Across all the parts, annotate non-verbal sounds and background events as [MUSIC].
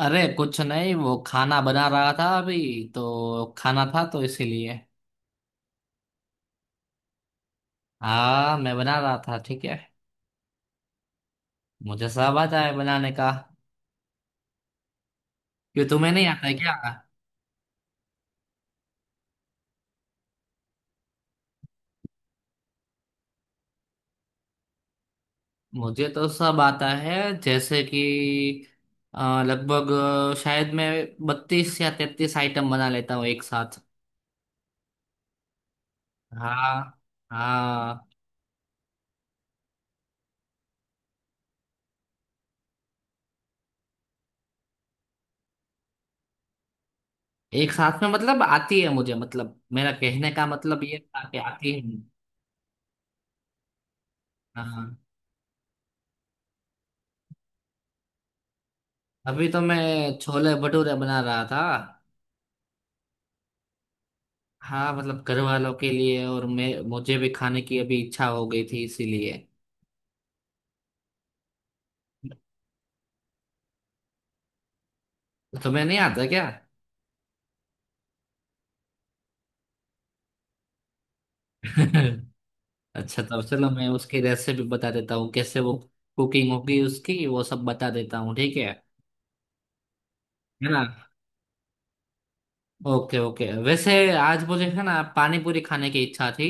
अरे कुछ नहीं, वो खाना बना रहा था अभी, तो खाना था तो इसीलिए। हाँ मैं बना रहा था, ठीक है। मुझे सब आता है बनाने का। क्यों, तुम्हें नहीं आता है क्या? मुझे तो सब आता है। जैसे कि लगभग शायद मैं बत्तीस या तैतीस आइटम बना लेता हूँ एक साथ। हाँ। हाँ। एक साथ में मतलब आती है मुझे, मतलब मेरा कहने का मतलब ये था कि आती है। हाँ। अभी तो मैं छोले भटूरे बना रहा था। हाँ मतलब घर वालों के लिए, और मैं मुझे भी खाने की अभी इच्छा हो गई थी इसीलिए। तुम्हें नहीं आता क्या? [LAUGHS] अच्छा, तो चलो मैं उसकी रेसिपी बता देता हूँ कैसे वो कुकिंग होगी उसकी, वो सब बता देता हूँ ठीक है। है ना। ओके ओके, वैसे आज मुझे है ना पानी पूरी खाने की इच्छा थी।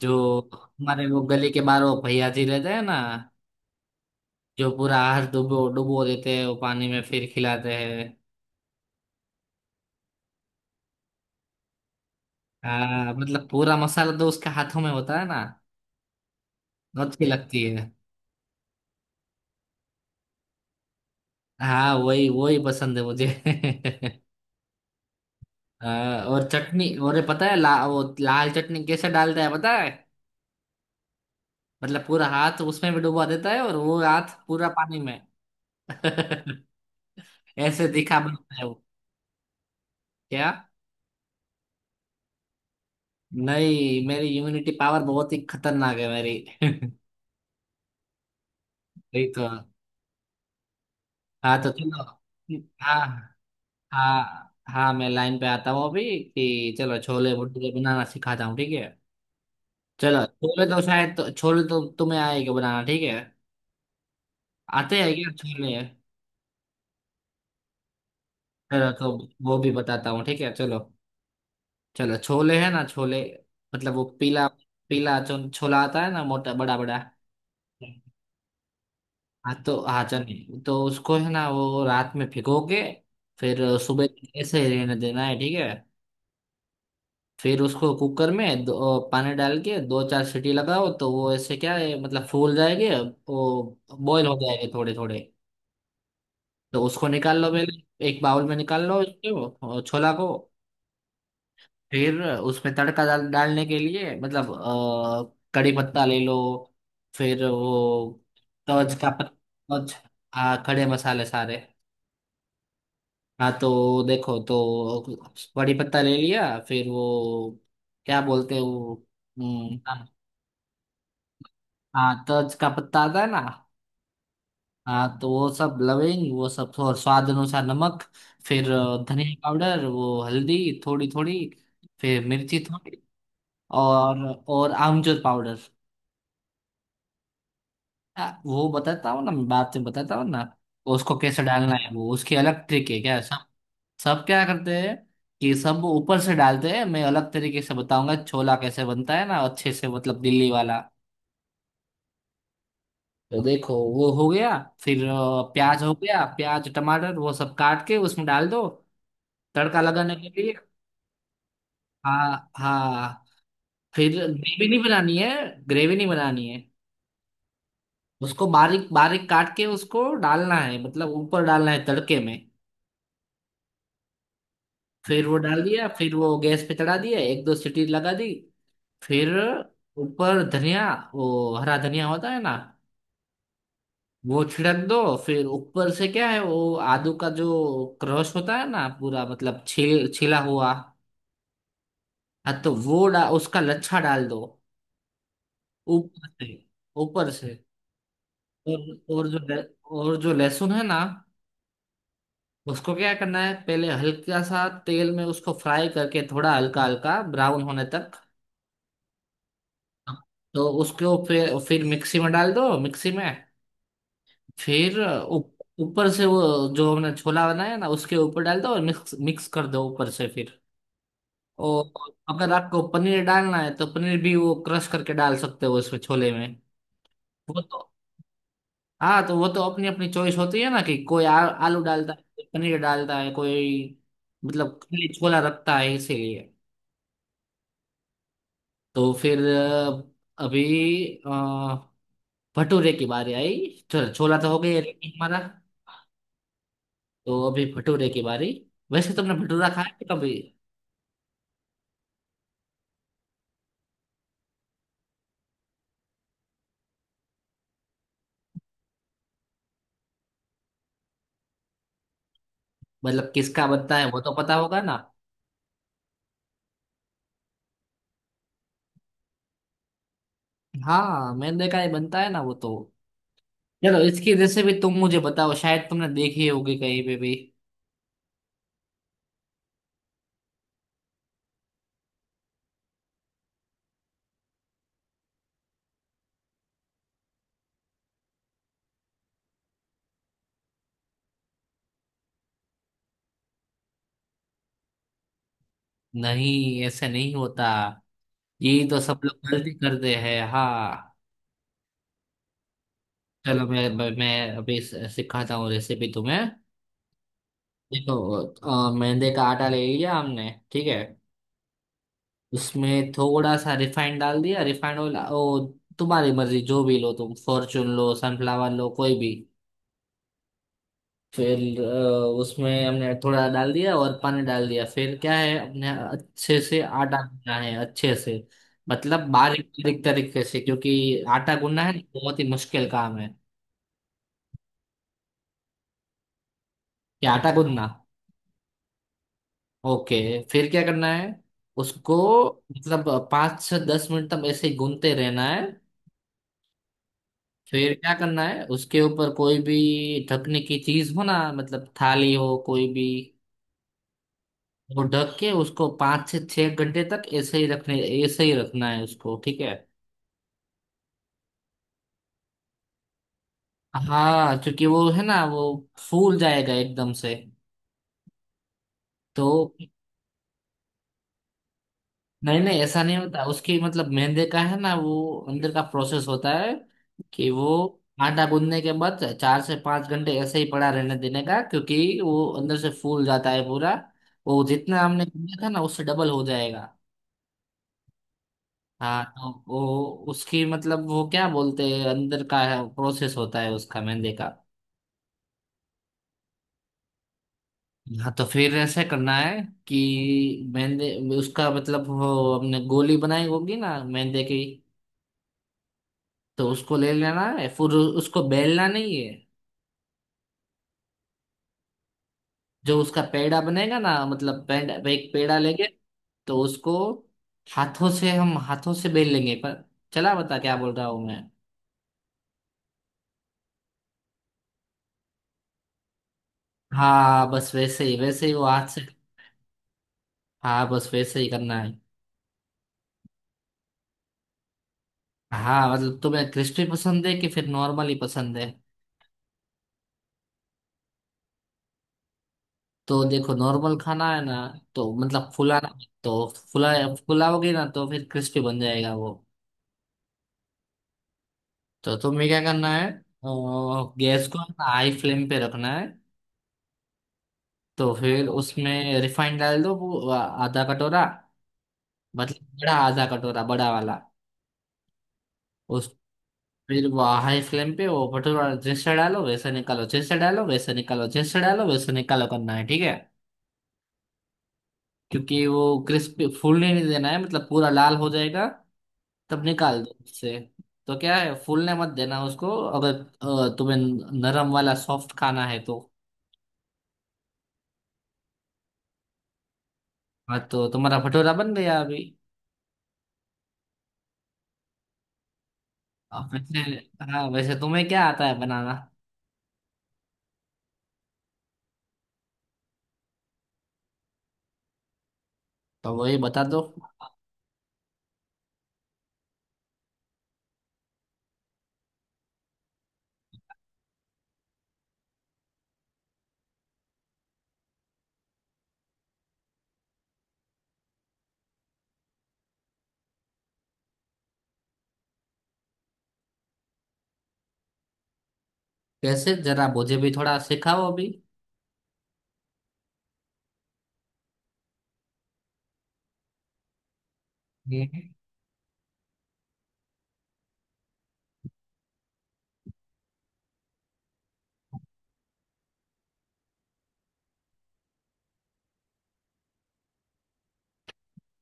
जो हमारे वो गली के बाहर वो भैया जी रहते हैं ना। जो पूरा आहार डुबो डुबो देते हैं वो पानी में, फिर खिलाते हैं। हाँ मतलब पूरा मसाला तो उसके हाथों में होता है ना। अच्छी लगती है। हाँ वही वही पसंद है मुझे। [LAUGHS] हाँ, और चटनी, और ये पता है वो लाल चटनी कैसे डालता है पता है। मतलब पूरा हाथ उसमें भी डुबा देता है, और वो हाथ पूरा पानी में, ऐसे दिखा बनता है वो। क्या? नहीं, मेरी इम्यूनिटी पावर बहुत ही खतरनाक है मेरी। [LAUGHS] नहीं तो। हाँ तो चलो। हाँ, हाँ, हाँ, मैं लाइन पे आता हूँ अभी कि चलो छोले भटूरे बनाना सिखाता हूँ ठीक है। चलो, छोले तो शायद छोले तो तुम्हें आएगा बनाना, ठीक है। आते हैं क्या छोले? चलो, तो वो भी बताता हूँ ठीक है। चलो, चलो छोले है ना छोले। मतलब वो पीला पीला जो छोला आता है ना, मोटा बड़ा बड़ा। हाँ, तो हाँ चलिए, तो उसको है ना वो रात में भिगो के फिर सुबह ऐसे ही रहने देना है ठीक है। फिर उसको कुकर में दो पानी डाल के दो चार सीटी लगाओ तो वो ऐसे क्या है मतलब फूल जाएंगे, वो बॉईल हो जाएंगे थोड़े थोड़े। तो उसको निकाल लो पहले, एक बाउल में निकाल लो उसको और छोला को। फिर उसमें तड़का डालने के लिए मतलब कड़ी पत्ता ले लो। फिर वो तवज। हाँ खड़े मसाले सारे। हाँ तो देखो तो। कड़ी पत्ता ले लिया, फिर वो क्या बोलते हैं वो, हम्म, हाँ तवज का पत्ता आता है ना। हाँ तो वो सब लविंग वो सब, और स्वाद अनुसार नमक, फिर धनिया पाउडर वो हल्दी, थोड़ी थोड़ी, फिर मिर्ची थोड़ी, और आमचूर पाउडर। वो बताता हूँ ना, मैं बात में बताता हूँ ना, उसको कैसे डालना है, वो उसकी अलग ट्रिक है क्या सब। सब क्या करते हैं कि सब ऊपर से डालते हैं, मैं अलग तरीके से बताऊंगा छोला कैसे बनता है ना अच्छे से, मतलब दिल्ली वाला। तो देखो वो हो गया। फिर प्याज हो गया, प्याज टमाटर वो सब काट के उसमें डाल दो, तड़का लगाने के लिए। हाँ हाँ। फिर ग्रेवी नहीं बनानी है, ग्रेवी नहीं बनानी है। उसको बारीक बारीक काट के उसको डालना है, मतलब ऊपर डालना है तड़के में। फिर वो डाल दिया, फिर वो गैस पे चढ़ा दिया, एक दो सीटी लगा दी। फिर ऊपर धनिया, वो हरा धनिया होता है ना, वो छिड़क दो। फिर ऊपर से क्या है वो आदू का जो क्रश होता है ना पूरा, मतलब छिल छिला हुआ। हाँ तो वो उसका लच्छा डाल दो ऊपर से, ऊपर से। और और जो ले- और जो लहसुन है ना, उसको क्या करना है पहले हल्का सा तेल में उसको फ्राई करके, थोड़ा हल्का हल्का ब्राउन होने तक। तो उसको फिर मिक्सी में डाल दो, मिक्सी में। फिर ऊ- ऊपर से वो जो हमने छोला बनाया ना उसके ऊपर डाल दो और मिक्स मिक्स कर दो ऊपर से फिर। और अगर आपको पनीर डालना है तो पनीर भी वो क्रश करके डाल सकते हो उसमें, छोले में। वो तो, हाँ तो वो तो अपनी अपनी चॉइस होती है ना कि कोई आलू डालता है, कोई पनीर डालता है, कोई मतलब खाली छोला रखता है इसीलिए। तो फिर अभी अ, भटूरे की बारी आई। चलो छोला तो हो गया ये हमारा। तो अभी भटूरे की बारी। वैसे तुमने भटूरा खाया है कभी? मतलब किसका बनता है वो तो पता होगा ना। हाँ मैंने देखा है बनता है ना वो तो। चलो इसकी रेसिपी तुम मुझे बताओ, शायद तुमने देखी होगी कहीं पे भी। नहीं ऐसे नहीं होता, ये तो सब लोग गलती करते हैं हाँ। चलो मैं अभी सिखाता हूँ रेसिपी तुम्हें। देखो मैदे का आटा ले लिया हमने, ठीक है। उसमें थोड़ा सा रिफाइंड डाल दिया, रिफाइंड ऑयल ओ, तुम्हारी मर्जी जो भी लो तुम, फॉर्चून लो, सनफ्लावर लो, कोई भी। फिर उसमें हमने थोड़ा डाल दिया और पानी डाल दिया, फिर क्या है अपने अच्छे से आटा गूंदना है अच्छे से, मतलब बारीक बारीक तरीके से, क्योंकि आटा गूंदना है ना, बहुत ही मुश्किल काम है कि आटा गूंदना। ओके। फिर क्या करना है उसको, मतलब पाँच से दस मिनट तक ऐसे ही गूंदते रहना है। फिर क्या करना है, उसके ऊपर कोई भी ढकने की चीज हो ना, मतलब थाली हो कोई भी, वो ढक के उसको पाँच से छह घंटे तक ऐसे ही रखने ऐसे ही रखना है उसको, ठीक है। हाँ क्योंकि वो है ना वो फूल जाएगा एकदम से, तो। नहीं नहीं ऐसा नहीं होता उसकी, मतलब मेहंदी का है ना वो, अंदर का प्रोसेस होता है कि वो आटा गूंदने के बाद चार से पांच घंटे ऐसे ही पड़ा रहने देने का, क्योंकि वो अंदर से फूल जाता है पूरा, वो जितना हमने गूंदा था ना उससे डबल हो जाएगा। हाँ तो वो उसकी मतलब वो क्या बोलते हैं, अंदर का प्रोसेस होता है उसका मेहंदी का। हाँ तो फिर ऐसे करना है कि मेहंदी उसका मतलब वो हमने गोली बनाई होगी ना मेहंदी की, तो उसको ले लेना है फिर उसको बेलना नहीं है। जो उसका पेड़ा बनेगा ना, मतलब पेड़ा, एक पेड़ा लेंगे, तो उसको हाथों से बेल लेंगे, पर चला बता क्या बोल रहा हूँ मैं। हाँ बस वैसे ही वो हाथ से। हाँ बस वैसे ही करना है। हाँ मतलब तुम्हें क्रिस्पी पसंद है कि फिर नॉर्मल ही पसंद है। तो देखो नॉर्मल खाना है ना, तो मतलब फुलाना, तो फुला फुलाओगे ना तो फिर क्रिस्पी बन जाएगा वो। तो तुम्हें क्या करना है गैस को हाई फ्लेम पे रखना है। तो फिर उसमें रिफाइंड डाल दो वो आधा कटोरा, मतलब बड़ा आधा कटोरा, बड़ा वाला। उस फिर वो हाई फ्लेम पे वो भटूरा जैसे डालो वैसे निकालो, जैसे डालो वैसे निकालो, जैसे डालो वैसे निकालो करना है, ठीक है। क्योंकि वो क्रिस्पी फूलने नहीं देना है, मतलब पूरा लाल हो जाएगा तब निकाल दो उससे। तो क्या है, फूलने मत देना उसको अगर तुम्हें नरम वाला सॉफ्ट खाना है तो। हाँ तो तुम्हारा भटूरा बन गया अभी। अब वैसे हाँ, वैसे तुम्हें क्या आता है बनाना, तो वही बता दो, कैसे जरा मुझे भी थोड़ा सिखाओ अभी। ठीक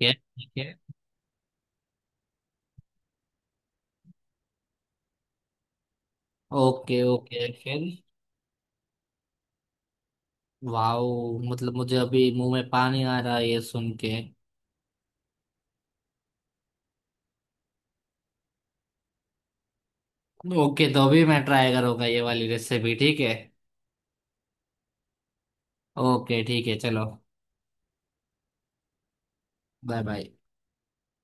है। ठीक है। ओके ओके फिर। वाओ मतलब मुझे अभी मुंह में पानी आ रहा है ये सुन के। ओके तो अभी मैं ट्राई करूंगा ये वाली रेसिपी, ठीक है। ओके ठीक है चलो। Bye bye.